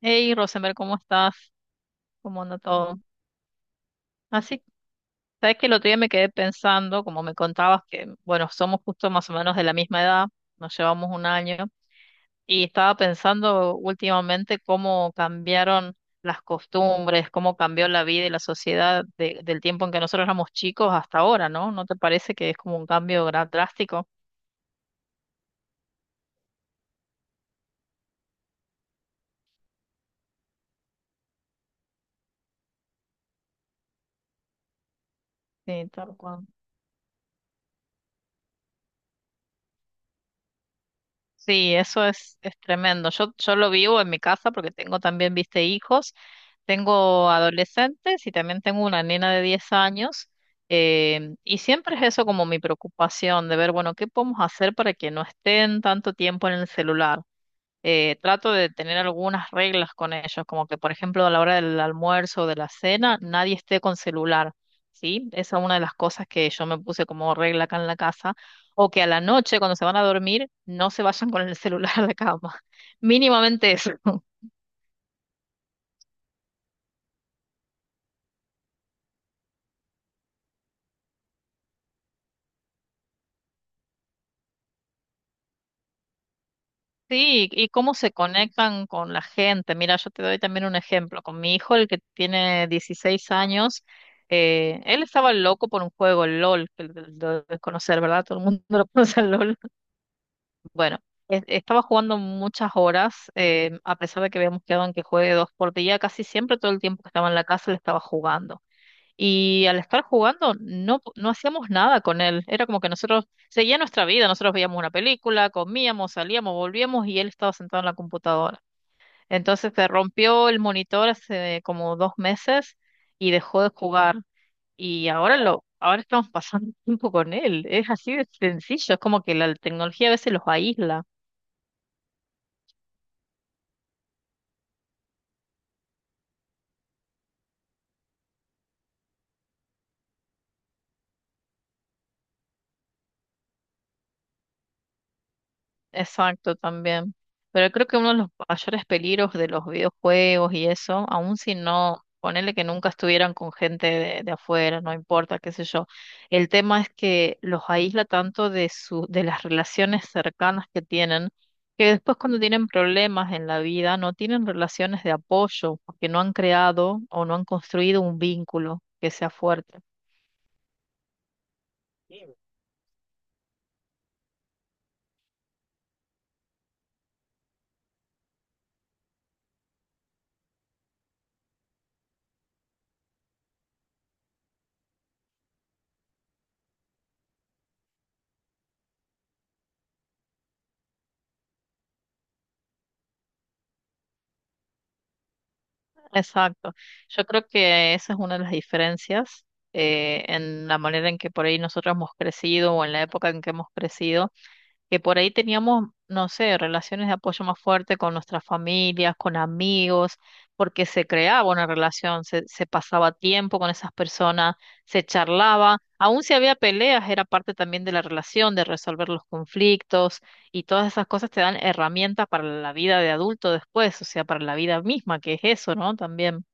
Hey, Rosenberg, ¿cómo estás? ¿Cómo anda todo? Así, sabes que el otro día me quedé pensando, como me contabas, que bueno, somos justo más o menos de la misma edad, nos llevamos un año, y estaba pensando últimamente cómo cambiaron las costumbres, cómo cambió la vida y la sociedad del tiempo en que nosotros éramos chicos hasta ahora, ¿no? ¿No te parece que es como un cambio drástico? Sí, tal cual. Sí, eso es tremendo. Yo lo vivo en mi casa porque tengo también, viste, hijos, tengo adolescentes y también tengo una nena de 10 años. Y siempre es eso como mi preocupación de ver, bueno, ¿qué podemos hacer para que no estén tanto tiempo en el celular? Trato de tener algunas reglas con ellos, como que, por ejemplo, a la hora del almuerzo o de la cena, nadie esté con celular, ¿sí? Esa es una de las cosas que yo me puse como regla acá en la casa, o que a la noche, cuando se van a dormir, no se vayan con el celular a la cama. Mínimamente eso. Sí, y cómo se conectan con la gente. Mira, yo te doy también un ejemplo. Con mi hijo, el que tiene 16 años, él estaba loco por un juego, el LOL, que lo debes conocer, ¿verdad? Todo el mundo lo conoce al LOL. Bueno, estaba jugando muchas horas, a pesar de que habíamos quedado en que juegue dos por día, casi siempre todo el tiempo que estaba en la casa le estaba jugando. Y al estar jugando no, no hacíamos nada con él, era como que nosotros seguía nuestra vida, nosotros veíamos una película, comíamos, salíamos, volvíamos y él estaba sentado en la computadora. Entonces se rompió el monitor hace como 2 meses y dejó de jugar. Y ahora lo, ahora estamos pasando tiempo con él. Es así de sencillo, es como que la tecnología a veces los aísla. Exacto, también. Pero creo que uno de los mayores peligros de los videojuegos y eso, aun si no, ponele que nunca estuvieran con gente de afuera, no importa, qué sé yo. El tema es que los aísla tanto de su, de las relaciones cercanas que tienen, que después cuando tienen problemas en la vida, no tienen relaciones de apoyo, porque no han creado o no han construido un vínculo que sea fuerte. Exacto. Yo creo que esa es una de las diferencias en la manera en que por ahí nosotros hemos crecido o en la época en que hemos crecido que por ahí teníamos, no sé, relaciones de apoyo más fuerte con nuestras familias, con amigos, porque se creaba una relación, se pasaba tiempo con esas personas, se charlaba, aun si había peleas, era parte también de la relación, de resolver los conflictos y todas esas cosas te dan herramientas para la vida de adulto después, o sea, para la vida misma, que es eso, ¿no? También.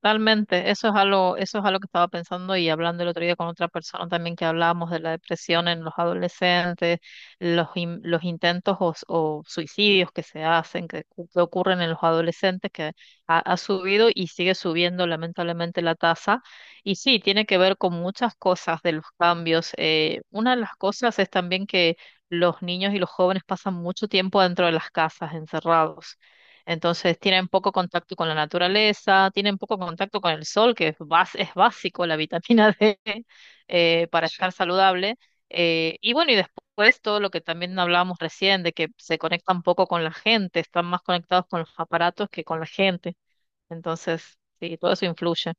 Totalmente, eso es algo que estaba pensando y hablando el otro día con otra persona también que hablábamos de la depresión en los adolescentes, los, los intentos o, o suicidios que se hacen, que, que ocurren en los adolescentes, que ha subido y sigue subiendo lamentablemente la tasa. Y sí, tiene que ver con muchas cosas de los cambios. Una de las cosas es también que los niños y los jóvenes pasan mucho tiempo dentro de las casas, encerrados. Entonces tienen poco contacto con la naturaleza, tienen poco contacto con el sol, que es, es básico la vitamina D para estar saludable. Y bueno, y después todo lo que también hablábamos recién, de que se conectan poco con la gente, están más conectados con los aparatos que con la gente. Entonces, sí, todo eso influye.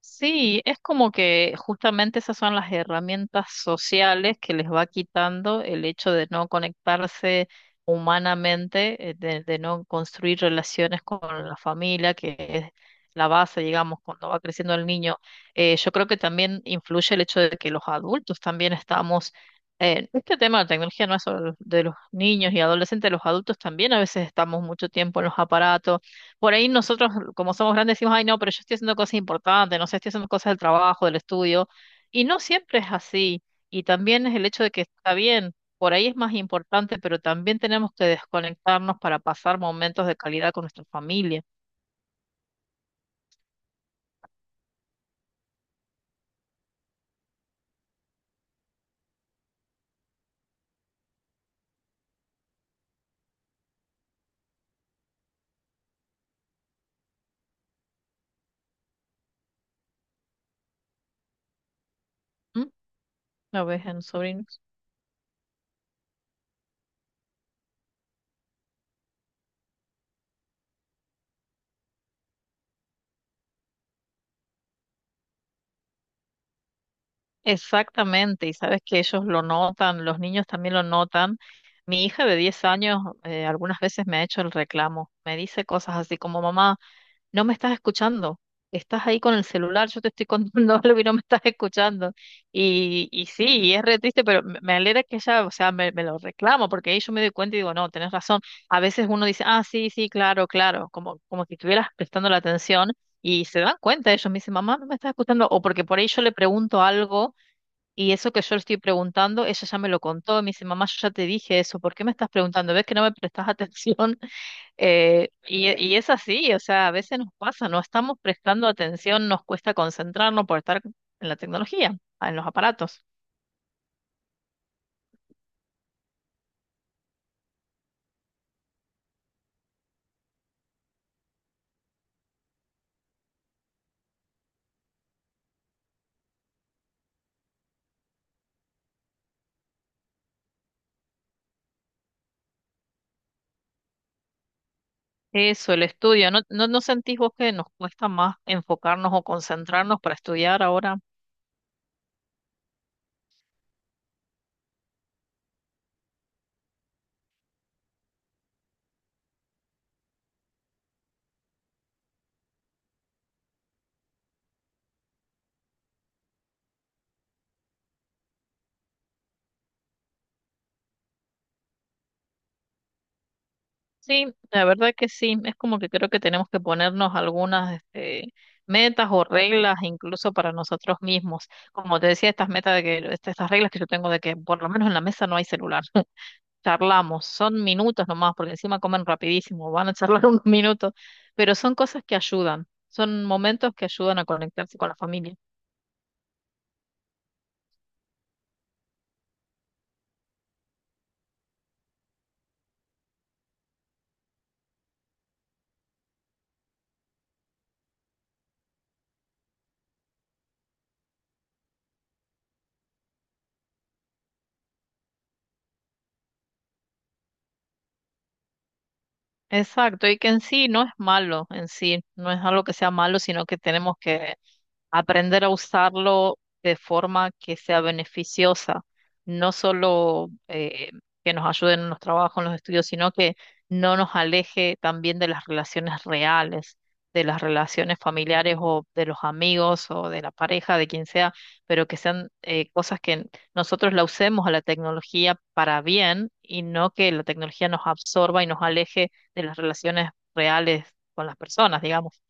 Sí, es como que justamente esas son las herramientas sociales que les va quitando el hecho de no conectarse humanamente, de, no construir relaciones con la familia, que es la base, digamos, cuando va creciendo el niño. Yo creo que también influye el hecho de que los adultos también estamos, este tema de la tecnología no es solo de los niños y adolescentes, los adultos también a veces estamos mucho tiempo en los aparatos por ahí nosotros, como somos grandes, decimos, ay, no, pero yo estoy haciendo cosas importantes, no sé, estoy haciendo cosas del trabajo, del estudio, y no siempre es así. Y también es el hecho de que está bien, por ahí es más importante, pero también tenemos que desconectarnos para pasar momentos de calidad con nuestra familia. ¿Mm? ¿Lo ves en sobrinos? Exactamente, y sabes que ellos lo notan, los niños también lo notan. Mi hija de 10 años algunas veces me ha hecho el reclamo, me dice cosas así como, mamá, no me estás escuchando. Estás ahí con el celular, yo te estoy contando algo y no me estás escuchando. Y sí, y es re triste, pero me alegra que ella, o sea, me lo reclamo, porque ahí yo me doy cuenta y digo, no, tenés razón. A veces uno dice, ah, sí, sí, claro, claro, como si estuvieras prestando la atención y se dan cuenta ellos, me dicen, mamá, no me estás escuchando, o porque por ahí yo le pregunto algo y eso que yo le estoy preguntando, ella ya me lo contó, y me dice, mamá, yo ya te dije eso, ¿por qué me estás preguntando? ¿Ves que no me prestas atención? Y es así, o sea, a veces nos pasa, no estamos prestando atención, nos cuesta concentrarnos por estar en la tecnología, ah, en los aparatos. Eso, el estudio. ¿No, no, no sentís vos que nos cuesta más enfocarnos o concentrarnos para estudiar ahora? Sí, la verdad que sí. Es como que creo que tenemos que ponernos algunas este, metas o reglas incluso para nosotros mismos. Como te decía, estas metas de que, estas reglas que yo tengo de que por lo menos en la mesa no hay celular. Charlamos, son minutos nomás, porque encima comen rapidísimo, van a charlar unos minutos, pero son cosas que ayudan, son momentos que ayudan a conectarse con la familia. Exacto, y que en sí no es malo, en sí, no es algo que sea malo, sino que tenemos que aprender a usarlo de forma que sea beneficiosa, no solo que nos ayude en los trabajos, en los estudios, sino que no nos aleje también de las relaciones reales, de las relaciones familiares o de los amigos o de la pareja, de quien sea, pero que sean cosas que nosotros la usemos a la tecnología para bien y no que la tecnología nos absorba y nos aleje de las relaciones reales con las personas, digamos.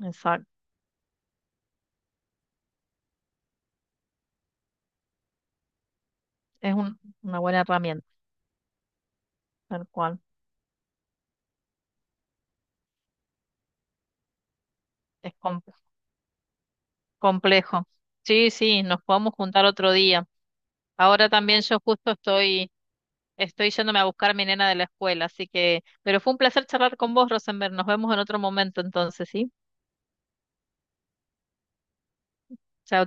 Exacto. Es una buena herramienta. Tal cual. Es complejo. Sí, sí, nos podemos juntar otro día. Ahora también yo justo estoy yéndome a buscar a mi nena de la escuela, así que, pero fue un placer charlar con vos, Rosenberg. Nos vemos en otro momento entonces, ¿sí? Chao.